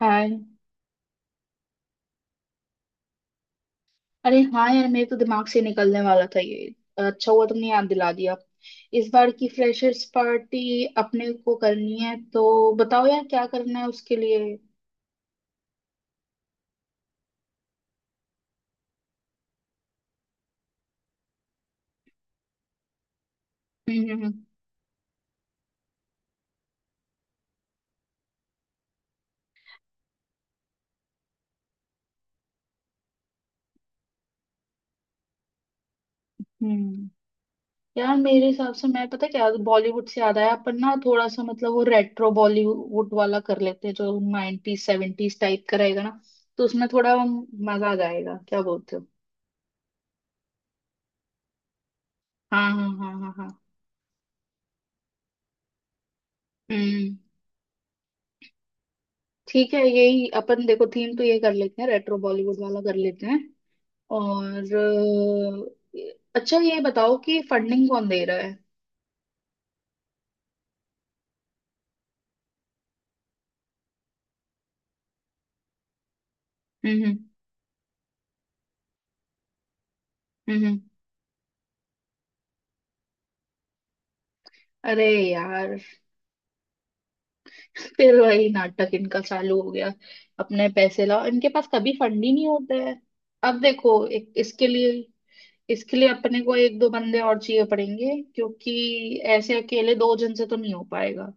हाय। अरे हाँ यार, मेरे तो दिमाग से निकलने वाला था ये। अच्छा हुआ तुमने याद दिला दिया। इस बार की फ्रेशर्स पार्टी अपने को करनी है, तो बताओ यार क्या करना है उसके लिए। हम्म हम्म हम्म हम्म। यार मेरे हिसाब से, मैं पता क्या बॉलीवुड से याद आया, अपन ना थोड़ा सा मतलब वो रेट्रो बॉलीवुड वाला कर लेते हैं जो 90s 70s टाइप का रहेगा ना, तो उसमें थोड़ा मजा आ जाएगा, क्या बोलते हो। हाँ हाँ हाँ हाँ हाँ। हम्म। ठीक है, यही अपन, देखो थीम तो ये कर लेते हैं, रेट्रो बॉलीवुड वाला कर लेते हैं। और अच्छा ये बताओ कि फंडिंग कौन दे रहा है। हम्म हम्म हम्म। अरे यार फिर वही नाटक इनका चालू हो गया। अपने पैसे लाओ, इनके पास कभी फंड ही नहीं होता है। अब देखो एक, इसके लिए अपने को एक दो बंदे और चाहिए पड़ेंगे, क्योंकि ऐसे अकेले दो जन से तो नहीं हो पाएगा।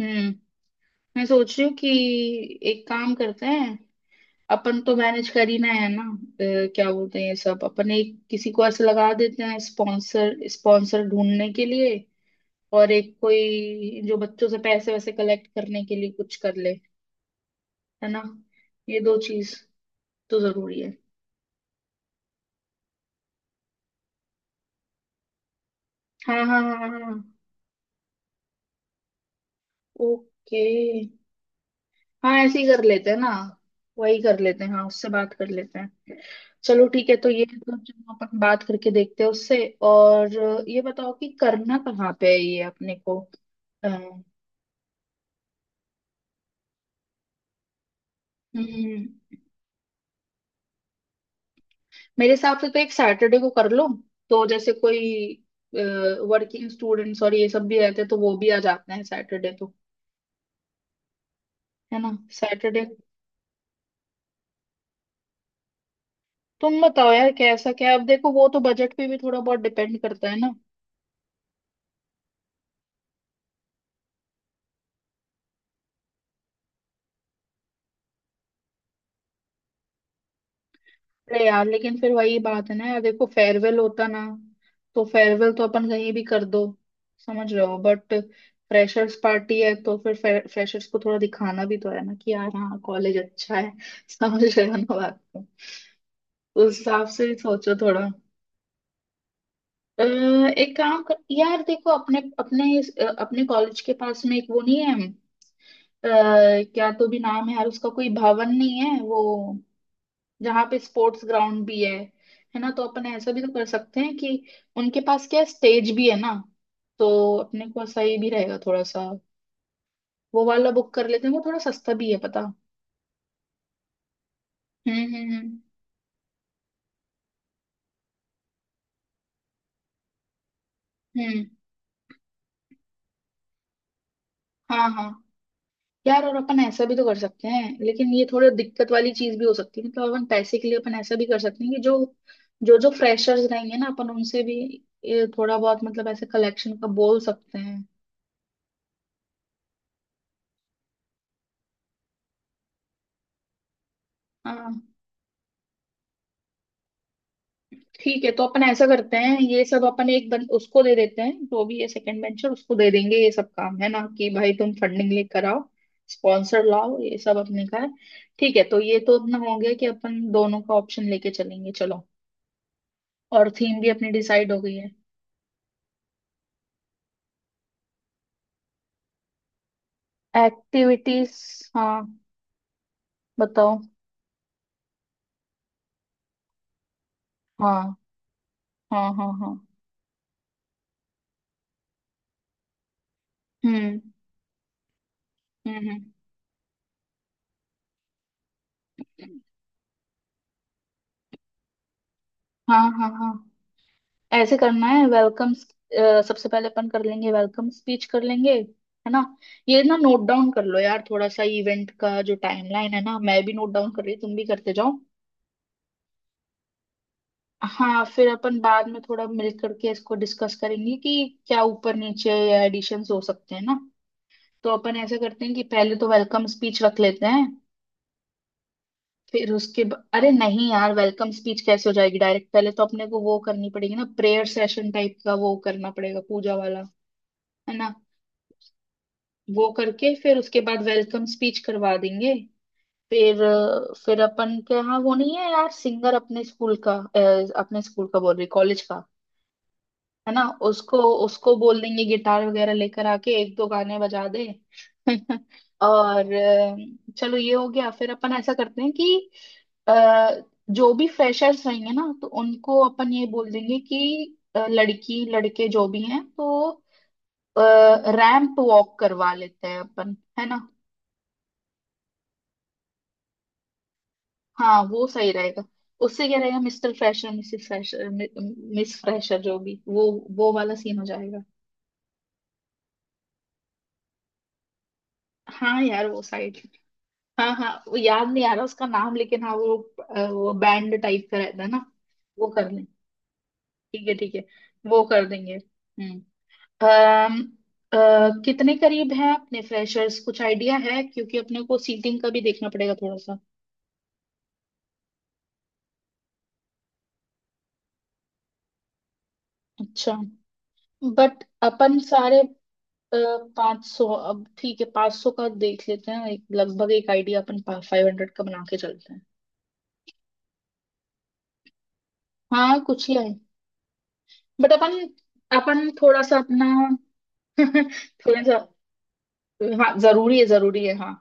हम्म। मैं सोच रही हूँ कि एक काम करते हैं, अपन तो मैनेज कर ही ना है ना, क्या बोलते हैं ये सब, अपन एक किसी को ऐसे लगा देते हैं स्पॉन्सर, स्पॉन्सर ढूंढने के लिए। और एक कोई जो बच्चों से पैसे वैसे कलेक्ट करने के लिए कुछ कर ले, है ना। ये दो चीज तो जरूरी है। हाँ हाँ हाँ हाँ हाँ। ओके, हाँ ऐसे ही कर लेते हैं ना, वही कर लेते हैं, हाँ उससे बात कर लेते हैं। चलो ठीक है, तो ये तो चलो अपन बात करके देखते हैं उससे। और ये बताओ कि करना कहाँ पे है ये अपने को। हम्म। मेरे हिसाब से तो एक सैटरडे को कर लो, तो जैसे कोई वर्किंग स्टूडेंट्स और ये सब भी रहते हैं तो वो भी आ जाते हैं सैटरडे तो, है ना सैटरडे। तुम बताओ यार कैसा, क्या अब देखो वो तो बजट पे भी थोड़ा बहुत डिपेंड करता है ना। अरे यार लेकिन फिर वही बात है ना, यार देखो फेयरवेल होता ना, तो फेयरवेल तो अपन कहीं भी कर दो, समझ रहे हो, बट फ्रेशर्स पार्टी है तो फिर फ्रेशर्स को थोड़ा दिखाना भी तो है ना, कि यार हाँ कॉलेज अच्छा है समझ रहे हो ना बात। उस हिसाब से ही सोचो थोड़ा। एक काम कर यार, देखो अपने अपने अपने कॉलेज के पास में एक वो नहीं है, क्या तो भी नाम है यार उसका, कोई भवन नहीं है वो, जहाँ पे स्पोर्ट्स ग्राउंड भी है ना। तो अपन ऐसा भी तो कर सकते हैं कि उनके पास क्या स्टेज भी है ना, तो अपने को सही भी रहेगा थोड़ा सा। वो वाला बुक कर लेते हैं, वो थोड़ा सस्ता भी है पता। हम्म। हम्म, हाँ हाँ। यार, और अपन ऐसा भी तो कर सकते हैं, लेकिन ये थोड़ा दिक्कत वाली चीज भी हो सकती है, मतलब अपन पैसे के लिए अपन ऐसा भी कर सकते हैं कि जो जो जो फ्रेशर्स रहेंगे ना, अपन उनसे भी ये थोड़ा बहुत मतलब ऐसे कलेक्शन का बोल सकते हैं। हाँ। ठीक है, तो अपन ऐसा करते हैं ये सब, अपन एक उसको दे देते हैं जो भी ये सेकंड वेंचर, उसको दे देंगे ये सब काम, है ना कि भाई तुम फंडिंग लेकर आओ, स्पॉन्सर लाओ, ये सब अपने का है। ठीक है, तो ये तो अपना हो गया कि अपन दोनों का ऑप्शन लेके चलेंगे। चलो, और थीम भी अपनी डिसाइड हो गई है। एक्टिविटीज। हाँ बताओ। हाँ हाँ हाँ हाँ। हम्म हम्म हम्म, हाँ हाँ हाँ। ऐसे करना है, वेलकम सबसे पहले अपन कर लेंगे, वेलकम स्पीच कर लेंगे, है ना। ये ना नोट डाउन कर लो यार थोड़ा सा, इवेंट का जो टाइमलाइन है ना, मैं भी नोट डाउन कर रही हूँ, तुम भी करते जाओ। हाँ फिर अपन बाद में थोड़ा मिल करके इसको डिस्कस करेंगे कि क्या ऊपर नीचे या एडिशंस हो सकते हैं ना। तो अपन ऐसा करते हैं कि पहले तो वेलकम स्पीच रख लेते हैं, फिर उसके अरे नहीं यार, वेलकम स्पीच कैसे हो जाएगी डायरेक्ट, पहले तो अपने को वो करनी पड़ेगी ना, प्रेयर सेशन टाइप का वो करना पड़ेगा, पूजा वाला, है ना। वो करके फिर उसके बाद वेलकम स्पीच करवा देंगे। फिर फिर अपन के यहाँ वो नहीं है यार, सिंगर अपने स्कूल का, अपने स्कूल का बोल रही, कॉलेज का, है ना। उसको उसको बोल देंगे गिटार वगैरह लेकर आके एक दो गाने बजा दे। और चलो ये हो गया। फिर अपन ऐसा करते हैं कि अ, जो भी फ्रेशर्स रहेंगे ना तो उनको अपन ये बोल देंगे कि लड़की लड़के जो भी हैं तो रैंप वॉक करवा लेते हैं अपन, है ना। हाँ वो सही रहेगा। उससे क्या रहेगा, mister fresher missus fresher miss fresher जो भी, वो वाला सीन हो जाएगा। हाँ यार वो साइड। हाँ हाँ, वो याद नहीं आ रहा उसका नाम, लेकिन हाँ वो, वो बैंड टाइप का रहता है ना। वो कर लें, ठीक है ठीक है, वो कर देंगे। हम्म। अम, अ, कितने करीब हैं अपने फ्रेशर्स, कुछ आइडिया है, क्योंकि अपने को सीटिंग का भी देखना पड़ेगा थोड़ा सा। अच्छा। बट अपन सारे। पाँच सौ, अब ठीक है, पाँच सौ का देख लेते हैं, एक लगभग एक आइडिया अपन फाइव हंड्रेड का बना के चलते हैं। हाँ कुछ ही है। बट अपन अपन थोड़ा सा अपना थोड़ा सा, हाँ जरूरी है हाँ।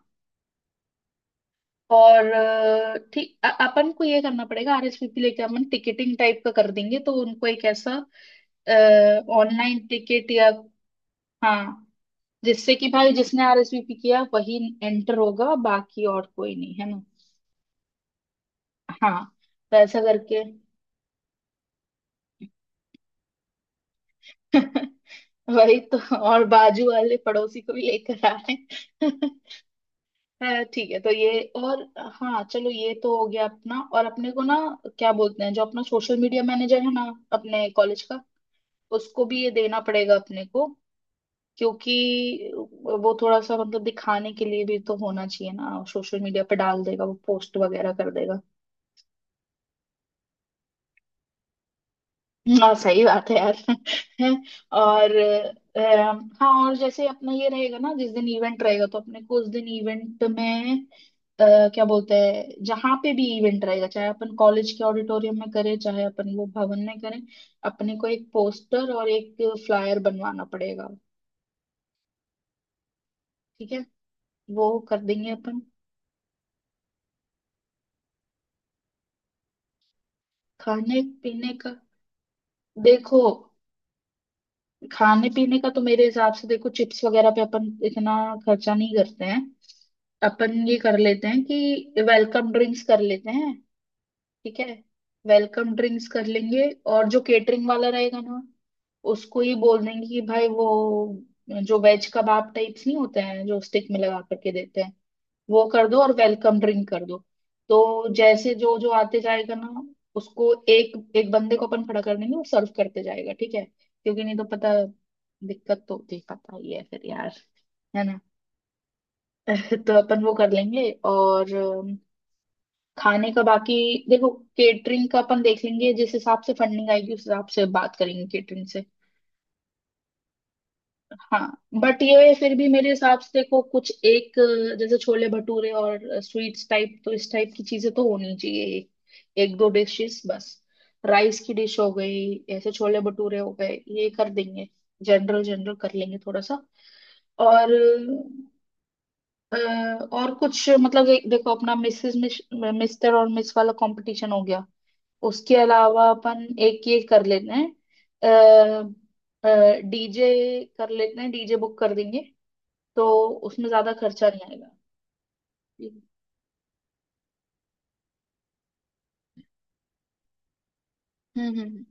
और ठीक अपन को ये करना पड़ेगा, आरएसवीपी लेके अपन टिकटिंग टाइप का कर देंगे, तो उनको एक ऐसा ऑनलाइन टिकट या, हाँ, जिससे कि भाई जिसने आरएसवीपी किया वही एंटर होगा, बाकी और कोई नहीं, है ना। हाँ। तो ऐसा करके वही तो, और बाजू वाले पड़ोसी को भी लेकर आ रहे हैं। है ठीक है, तो ये और हाँ चलो ये तो हो गया अपना। और अपने को ना, क्या बोलते हैं, जो अपना सोशल मीडिया मैनेजर है ना अपने कॉलेज का, उसको भी ये देना पड़ेगा अपने को, क्योंकि वो थोड़ा सा मतलब दिखाने के लिए भी तो होना चाहिए ना, सोशल मीडिया पे डाल देगा वो, पोस्ट वगैरह कर देगा। हाँ सही बात है यार और हाँ और जैसे अपना ये रहेगा ना, जिस दिन इवेंट रहेगा तो अपने को उस दिन इवेंट में क्या बोलते हैं, जहाँ पे भी इवेंट रहेगा, चाहे अपन कॉलेज के ऑडिटोरियम में करें चाहे अपन वो भवन में करें, अपने को एक पोस्टर और एक फ्लायर बनवाना पड़ेगा। ठीक है, वो कर देंगे अपन। खाने पीने का, देखो, खाने पीने का तो मेरे हिसाब से देखो चिप्स वगैरह पे अपन इतना खर्चा नहीं करते हैं। अपन ये कर लेते हैं कि वेलकम ड्रिंक्स कर लेते हैं। ठीक है, वेलकम ड्रिंक्स कर लेंगे और जो केटरिंग वाला रहेगा ना, उसको ही बोल देंगे कि भाई वो जो वेज कबाब टाइप्स नहीं होते हैं जो स्टिक में लगा करके देते हैं, वो कर दो और वेलकम ड्रिंक कर दो। तो जैसे जो जो आते जाएगा ना, उसको एक एक बंदे को अपन खड़ा कर देंगे, वो सर्व करते जाएगा, ठीक है, क्योंकि नहीं तो पता, दिक्कत तो होती है, पता ही है फिर यार, है ना। तो अपन वो कर लेंगे और खाने का बाकी, देखो केटरिंग का अपन देख लेंगे जिस हिसाब से फंडिंग आएगी, उस हिसाब से बात करेंगे केटरिंग से। हाँ, बट ये फिर भी मेरे हिसाब से देखो, कुछ एक जैसे छोले भटूरे और स्वीट्स टाइप, तो इस टाइप की चीजें तो होनी चाहिए एक, एक दो डिशेस बस। राइस की डिश हो गई, ऐसे छोले भटूरे हो गए, ये कर देंगे। जनरल जनरल कर लेंगे थोड़ा सा। और अ, और कुछ मतलब देखो अपना मिसेस मिस्टर और मिस वाला कंपटीशन हो गया, उसके अलावा अपन एक ये कर लेते हैं, डीजे कर लेते हैं, डीजे बुक कर देंगे, तो उसमें ज्यादा खर्चा नहीं आएगा। ठीक है। हम्म।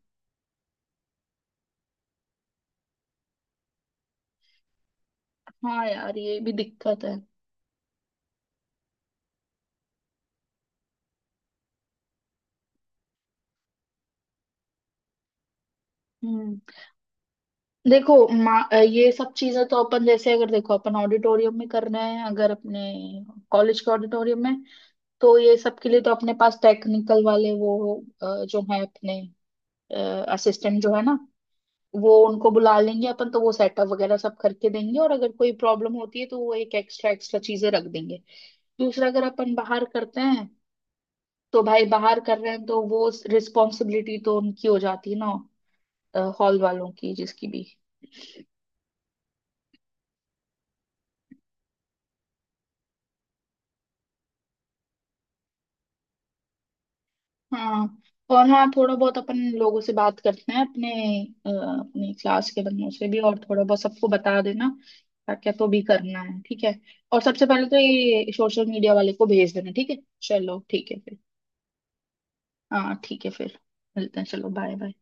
है। हाँ यार ये भी दिक्कत है। हम्म। देखो ये सब चीजें तो अपन, जैसे अगर देखो अपन ऑडिटोरियम में कर रहे हैं, अगर अपने कॉलेज के ऑडिटोरियम में, तो ये सब के लिए तो अपने पास टेक्निकल वाले वो जो है अपने असिस्टेंट जो है ना, वो उनको बुला लेंगे अपन, तो वो सेटअप वगैरह सब करके देंगे, और अगर कोई प्रॉब्लम होती है तो वो एक एक्स्ट्रा एक्स्ट्रा चीजें रख देंगे। दूसरा, अगर अपन बाहर करते हैं, तो भाई बाहर कर रहे हैं तो वो रिस्पॉन्सिबिलिटी तो उनकी हो जाती है ना, हॉल वालों की जिसकी भी। हाँ, और हाँ थोड़ा बहुत अपन लोगों से बात करते हैं अपने अपने क्लास के बंदों से भी, और थोड़ा बहुत सबको बता देना क्या क्या तो भी करना है, ठीक है। और सबसे पहले तो ये सोशल मीडिया वाले को भेज देना, ठीक है। चलो ठीक है फिर, हाँ ठीक है फिर मिलते हैं, चलो बाय बाय।